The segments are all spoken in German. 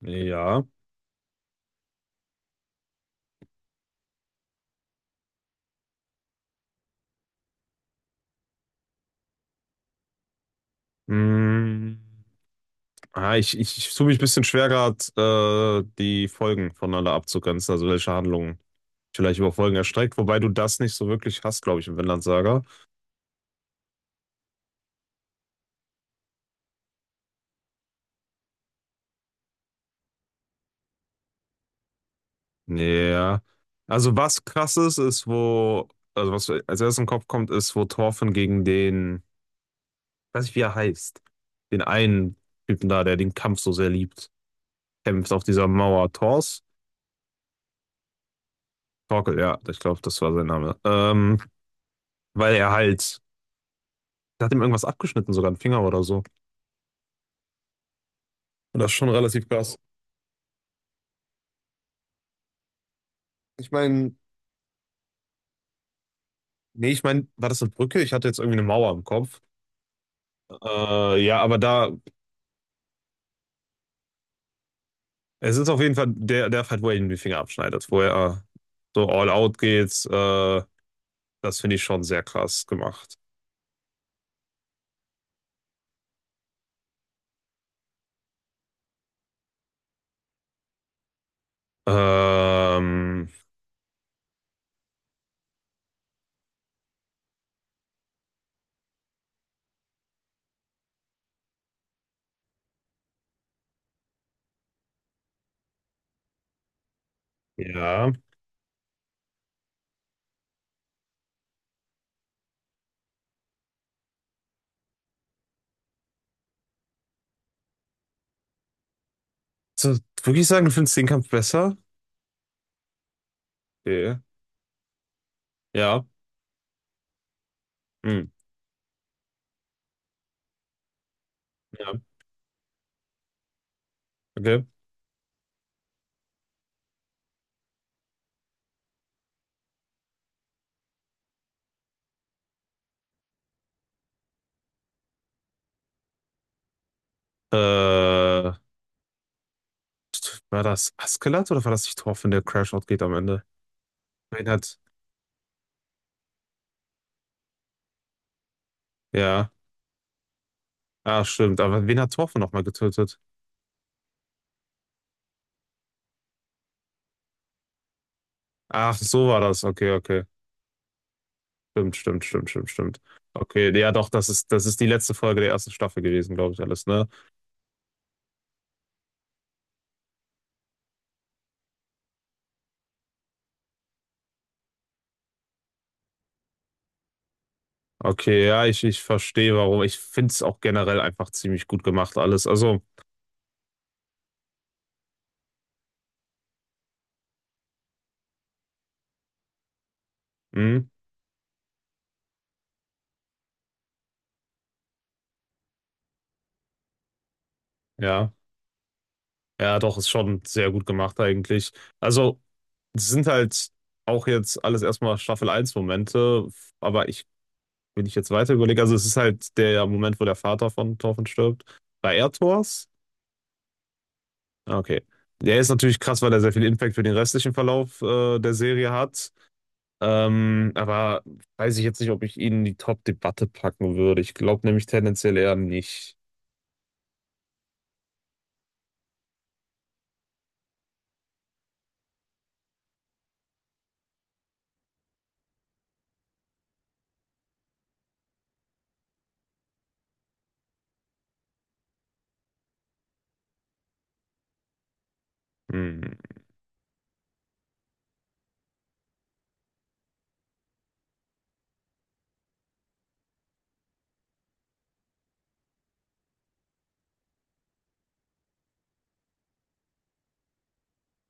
Ja. Mm. Ich tue mich ein bisschen schwer gerade, die Folgen voneinander abzugrenzen, also welche Handlungen vielleicht über Folgen erstreckt, wobei du das nicht so wirklich hast, glaube ich, im Vinland Saga. Ja. Also was krass ist, ist wo, also was mir als erstes im Kopf kommt, ist, wo Thorfinn gegen den, ich weiß nicht, wie er heißt, den einen Typen da, der den Kampf so sehr liebt, kämpft auf dieser Mauer. Thors? Torkel, ja, ich glaube, das war sein Name. Weil er halt der hat ihm irgendwas abgeschnitten, sogar einen Finger oder so. Und das ist schon relativ krass. Ich meine, nee, ich meine, war das eine Brücke? Ich hatte jetzt irgendwie eine Mauer im Kopf. Ja, aber da, es ist auf jeden Fall der, der Fight, wo er ihm die Finger abschneidet, wo er so all out geht. Das finde ich schon sehr krass gemacht. Ähm, ja. So, wirklich sagen, du findest den Kampf besser? Okay. Ja. Hm. Ja. Okay. Äh, War das Askelat oder war das nicht Thorfinn, der Crash-Out geht am Ende? Nein, hat. Ja. Ach, stimmt. Aber wen hat Torfe nochmal getötet? Ach, so war das. Okay, okay. Stimmt, stimmt, stimmt, stimmt, stimmt. Okay, ja doch, das ist die letzte Folge der ersten Staffel gewesen, glaube ich, alles, ne? Okay, ja, ich verstehe warum. Ich finde es auch generell einfach ziemlich gut gemacht, alles. Also, hm, ja. Ja, doch, ist schon sehr gut gemacht eigentlich. Also, es sind halt auch jetzt alles erstmal Staffel eins Momente, aber ich, wenn ich jetzt weiter überlege, also es ist halt der Moment, wo der Vater von Torfen stirbt. Bei Erdors? Ah, okay. Der ist natürlich krass, weil er sehr viel Impact für den restlichen Verlauf der Serie hat. Aber weiß ich jetzt nicht, ob ich ihn in die Top-Debatte packen würde. Ich glaube nämlich tendenziell eher nicht. Hm.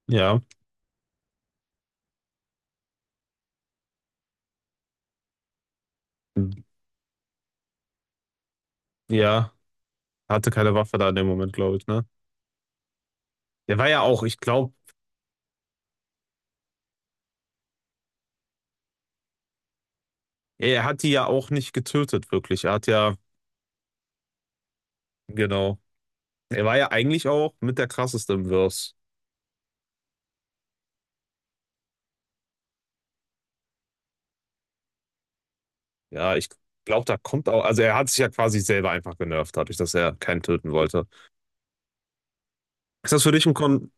Ja. Ja. Hatte keine Waffe da in dem Moment, glaube ich, ne? Der war ja auch, ich glaube, er hat die ja auch nicht getötet, wirklich. Er hat ja, genau. Er war ja eigentlich auch mit der krasseste im Verse. Ja, ich glaube, da kommt auch, also er hat sich ja quasi selber einfach genervt, dadurch, dass er keinen töten wollte. Ist das für dich ein, Kon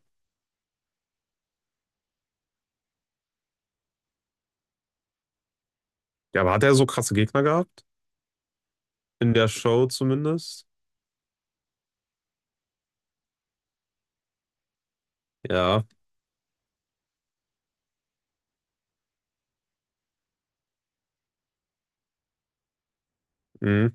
ja, aber hat er so krasse Gegner gehabt? In der Show zumindest? Ja, mh.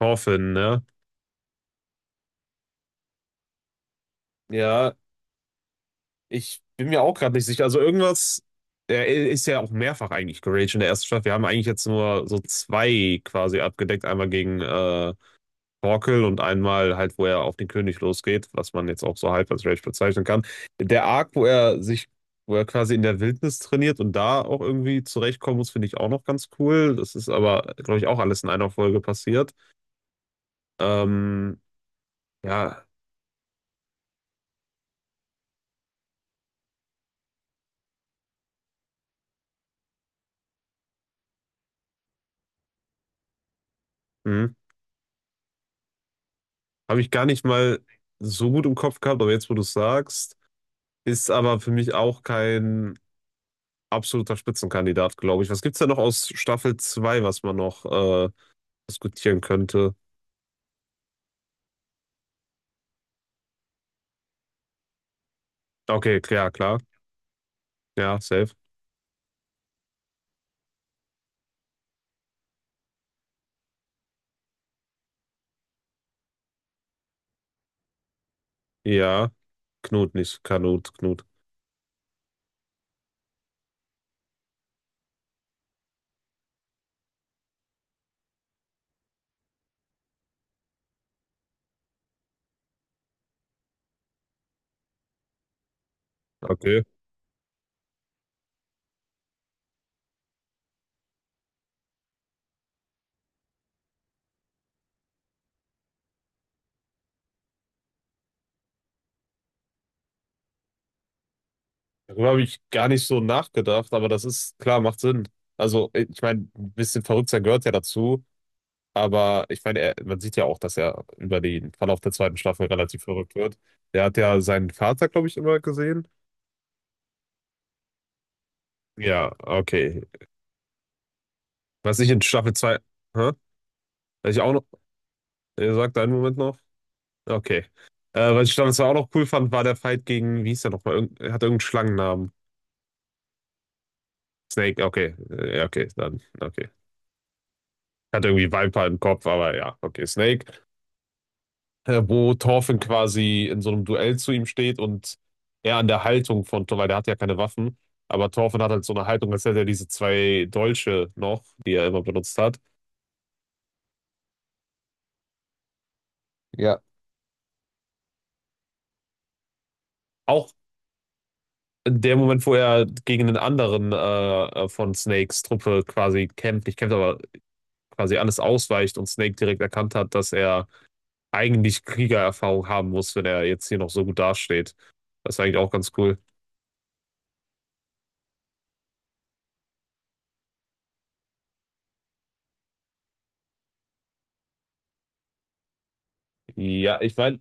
Hoffen, ne? Ja, ich bin mir auch gerade nicht sicher. Also irgendwas, er ist ja auch mehrfach eigentlich geraged in der ersten Staffel. Wir haben eigentlich jetzt nur so zwei quasi abgedeckt. Einmal gegen Torkel und einmal halt, wo er auf den König losgeht, was man jetzt auch so halb als Rage bezeichnen kann. Der Arc, wo er sich, wo er quasi in der Wildnis trainiert und da auch irgendwie zurechtkommen muss, finde ich auch noch ganz cool. Das ist aber, glaube ich, auch alles in einer Folge passiert. Ähm, ja, hm. Habe ich gar nicht mal so gut im Kopf gehabt, aber jetzt, wo du es sagst, ist aber für mich auch kein absoluter Spitzenkandidat, glaube ich. Was gibt's da noch aus Staffel 2, was man noch diskutieren könnte? Okay, klar, klar. Ja, safe. Ja, Knut nicht. Kanut, Knut. Okay. Darüber habe ich gar nicht so nachgedacht, aber das ist klar, macht Sinn. Also, ich meine, ein bisschen verrückt sein gehört ja dazu. Aber ich meine, er, man sieht ja auch, dass er über den Verlauf der zweiten Staffel relativ verrückt wird. Der hat ja seinen Vater, glaube ich, immer gesehen. Ja, okay. Was ich in Staffel 2 hä? Was ich auch noch, ihr sagt einen Moment noch? Okay. Was ich Staffel 2 auch noch cool fand, war der Fight gegen, wie hieß der nochmal? Irgend, er hat irgendeinen Schlangennamen. Snake, okay. Ja, okay, dann, okay. Hat irgendwie Viper im Kopf, aber ja, okay, Snake. Wo Thorfinn quasi in so einem Duell zu ihm steht und er an der Haltung von, weil der hat ja keine Waffen, aber Thorfinn hat halt so eine Haltung, als hätte er diese zwei Dolche noch, die er immer benutzt hat. Ja, auch in dem Moment, wo er gegen den anderen von Snakes Truppe quasi kämpft, nicht kämpft, aber quasi alles ausweicht und Snake direkt erkannt hat, dass er eigentlich Kriegererfahrung haben muss, wenn er jetzt hier noch so gut dasteht. Das ist eigentlich auch ganz cool. Ja, ich meine,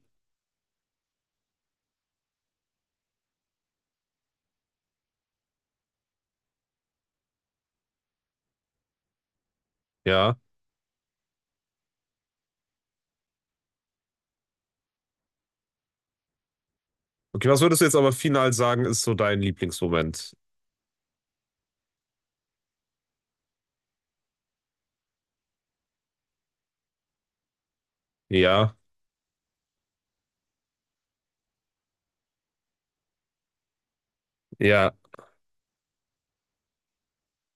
ja. Okay, was würdest du jetzt aber final sagen, ist so dein Lieblingsmoment? Ja, ja.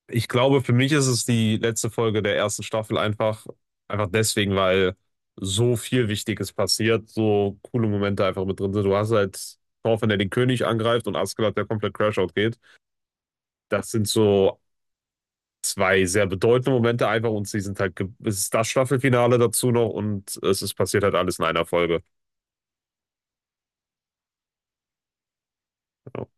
Ich glaube, für mich ist es die letzte Folge der ersten Staffel einfach, einfach deswegen, weil so viel Wichtiges passiert, so coole Momente einfach mit drin sind. Du hast halt Thorfinn, der den König angreift und Askeladd, der komplett Crashout geht. Das sind so zwei sehr bedeutende Momente einfach und sie sind halt, ge- es ist das Staffelfinale dazu noch und es ist passiert halt alles in einer Folge. Genau.